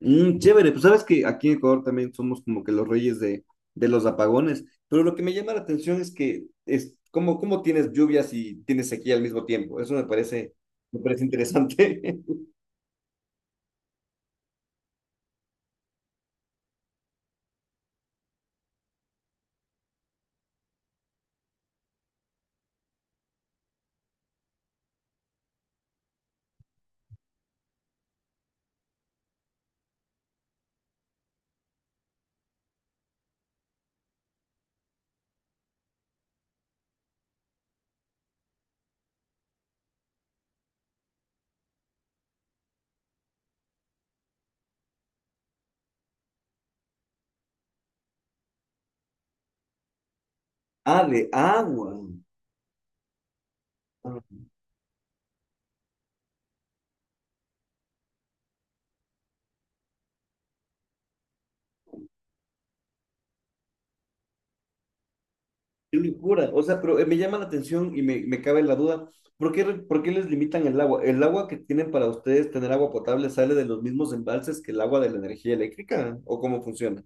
Chévere, pues sabes que aquí en Ecuador también somos como que los reyes de los apagones, pero lo que me llama la atención es que es cómo tienes lluvias y tienes sequía al mismo tiempo. Eso me parece interesante. Ah, de agua. Ah, qué locura. O sea, pero me llama la atención y me cabe la duda, ¿por qué les limitan el agua? ¿El agua que tienen para ustedes tener agua potable sale de los mismos embalses que el agua de la energía eléctrica? ¿O cómo funciona?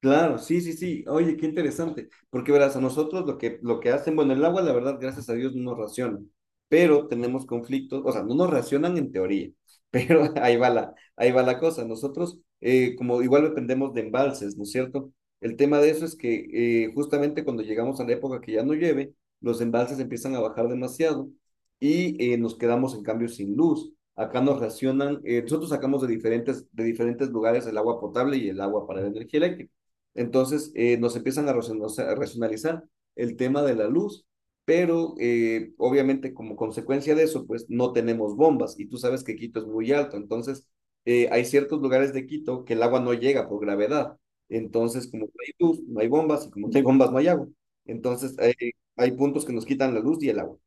Claro, sí, sí, sí. Oye, qué interesante. Porque verás, a nosotros lo que hacen, bueno, el agua, la verdad, gracias a Dios, no nos racionan, pero tenemos conflictos, o sea, no nos racionan en teoría, pero ahí va ahí va la cosa. Nosotros, como igual dependemos de embalses, ¿no es cierto? El tema de eso es que justamente cuando llegamos a la época que ya no llueve, los embalses empiezan a bajar demasiado y nos quedamos en cambio sin luz. Acá nos racionan, nosotros sacamos de diferentes lugares el agua potable y el agua para la energía eléctrica. Entonces nos empiezan a racionalizar el tema de la luz, pero obviamente como consecuencia de eso, pues no tenemos bombas y tú sabes que Quito es muy alto, entonces hay ciertos lugares de Quito que el agua no llega por gravedad, entonces como no hay luz, no hay bombas y como no hay bombas, no hay agua. Entonces hay puntos que nos quitan la luz y el agua.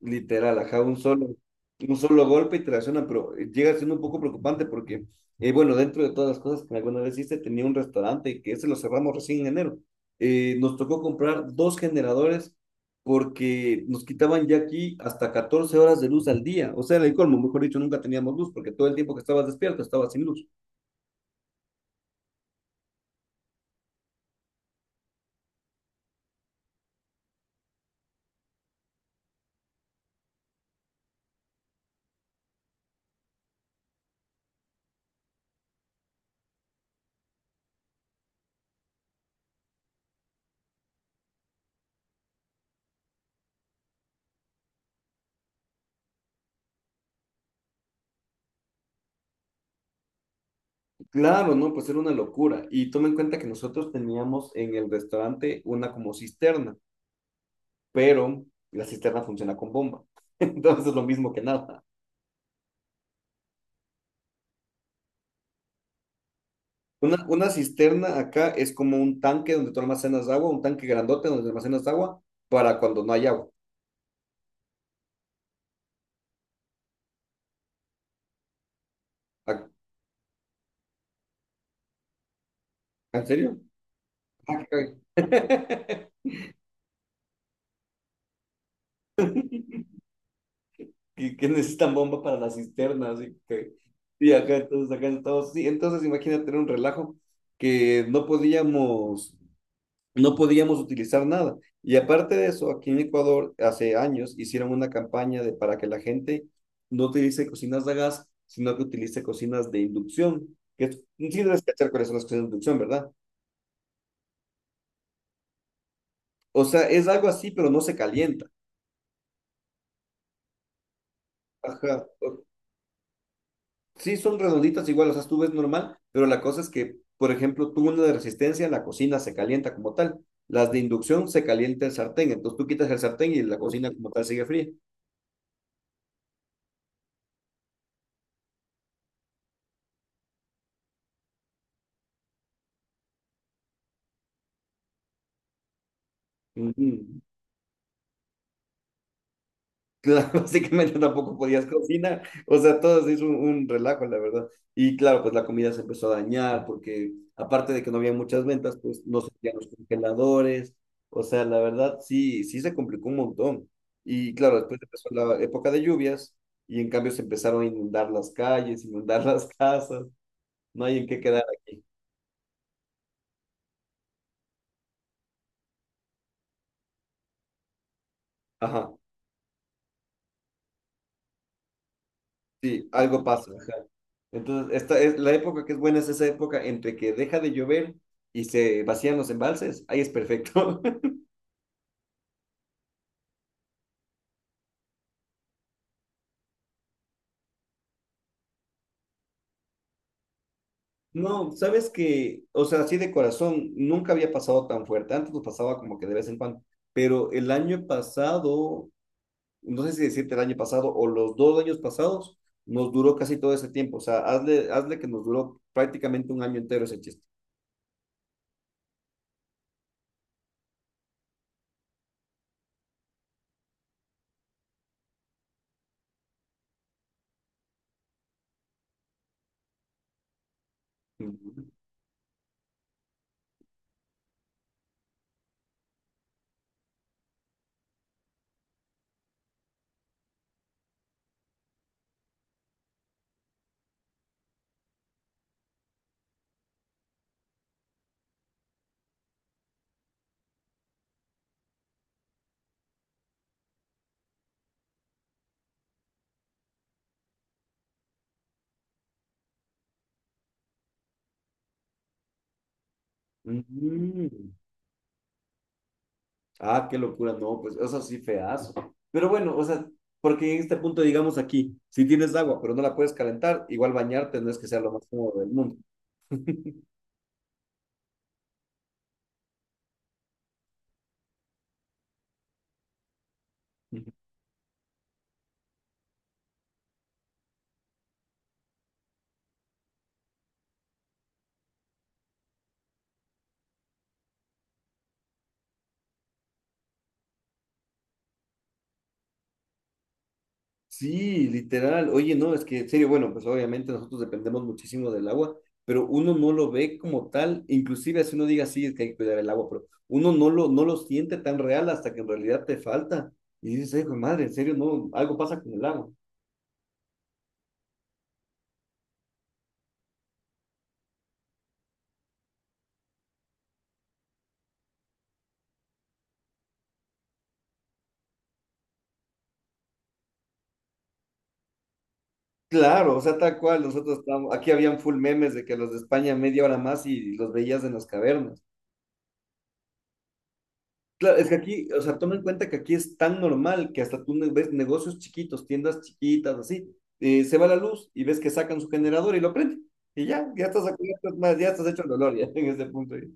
Literal, ajá, un solo golpe y te lesiona, pero llega siendo un poco preocupante porque, bueno, dentro de todas las cosas que alguna vez hice, tenía un restaurante que ese lo cerramos recién en enero. Nos tocó comprar dos generadores porque nos quitaban ya aquí hasta 14 horas de luz al día. O sea, en el colmo, mejor dicho, nunca teníamos luz porque todo el tiempo que estabas despierto estabas sin luz. Claro, no, pues era una locura. Y toma en cuenta que nosotros teníamos en el restaurante una como cisterna, pero la cisterna funciona con bomba. Entonces es lo mismo que nada. Una cisterna acá es como un tanque donde tú almacenas agua, un tanque grandote donde almacenas agua para cuando no hay agua. Ah, ¿en serio? Ah, qué cague. Que necesitan bomba para la cisterna, así que... Y acá entonces, sí, entonces imagínate era un relajo que no podíamos, no podíamos utilizar nada. Y aparte de eso, aquí en Ecuador hace años hicieron una campaña de, para que la gente no utilice cocinas de gas, sino que utilice cocinas de inducción. Sí debes cachar cuáles son las cocinas de inducción, ¿verdad? O sea, es algo así, pero no se calienta. Ajá. Sí son redonditas igual, o sea, tú ves normal, pero la cosa es que, por ejemplo, tú una de resistencia, la cocina se calienta como tal. Las de inducción se calienta el sartén, entonces tú quitas el sartén y la cocina como tal sigue fría. Ujú. Claro, básicamente tampoco podías cocinar, o sea, todo se hizo un relajo, la verdad. Y claro, pues la comida se empezó a dañar porque aparte de que no había muchas ventas, pues no se tenían los congeladores, o sea, la verdad sí, sí se complicó un montón. Y claro, después empezó la época de lluvias y en cambio se empezaron a inundar las calles, inundar las casas, no hay en qué quedar. Ajá, sí, algo pasa, ajá. Entonces, esta es la época que es buena, es esa época entre que deja de llover y se vacían los embalses, ahí es perfecto. No, sabes que, o sea, así de corazón, nunca había pasado tan fuerte. Antes nos pasaba como que de vez en cuando, pero el año pasado, no sé si decirte el año pasado o los dos años pasados, nos duró casi todo ese tiempo. O sea, hazle que nos duró prácticamente un año entero ese chiste. Ujú. Mm. Ah, qué locura, no, pues eso sí feazo. Pero bueno, o sea, porque en este punto, digamos aquí, si tienes agua, pero no la puedes calentar, igual bañarte no es que sea lo más cómodo del mundo. Sí, literal. Oye, no, es que en serio, bueno, pues obviamente nosotros dependemos muchísimo del agua, pero uno no lo ve como tal, inclusive si uno diga sí, es que hay que cuidar el agua, pero uno no no lo siente tan real hasta que en realidad te falta. Y dices, hijo de madre, en serio, no, algo pasa con el agua. Claro, o sea, tal cual, nosotros estábamos, aquí habían full memes de que los de España media hora más y los veías en las cavernas. Claro, es que aquí, o sea, toma en cuenta que aquí es tan normal que hasta ves negocios chiquitos, tiendas chiquitas, así, se va la luz y ves que sacan su generador y lo prenden. Y ya, ya estás a cubiertas, más, ya estás hecho el dolor ya en ese punto, ahí.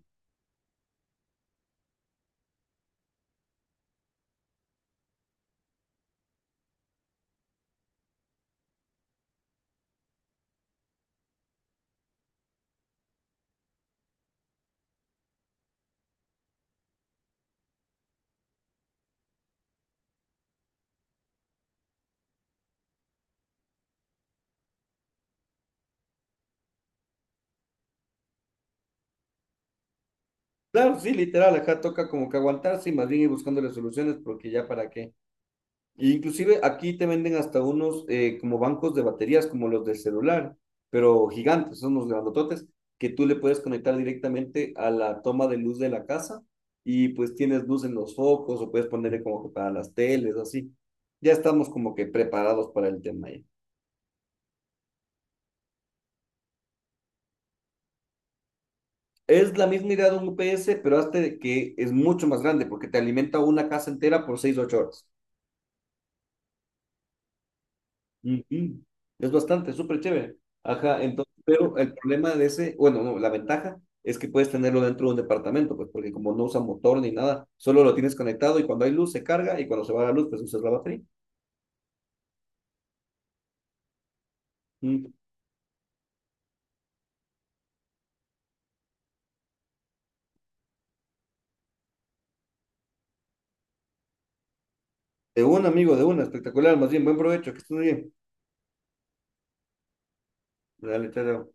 Claro, sí, literal, acá toca como que aguantarse y más bien ir buscándole soluciones porque ya para qué. Inclusive aquí te venden hasta unos como bancos de baterías, como los del celular, pero gigantes, son unos grandototes, que tú le puedes conectar directamente a la toma de luz de la casa y pues tienes luz en los focos o puedes ponerle como que para las teles, así. Ya estamos como que preparados para el tema ya. Es la misma idea de un UPS, pero hazte que es mucho más grande porque te alimenta una casa entera por 6 8 horas. Ujú. Es bastante, súper chévere. Ajá, entonces, pero el problema de ese, bueno, no, la ventaja es que puedes tenerlo dentro de un departamento, pues porque como no usa motor ni nada, solo lo tienes conectado y cuando hay luz se carga y cuando se va la luz, pues usas la batería. Mm. De un amigo, de una, espectacular, más bien, buen provecho, que estés muy bien. Dale, chao, chao.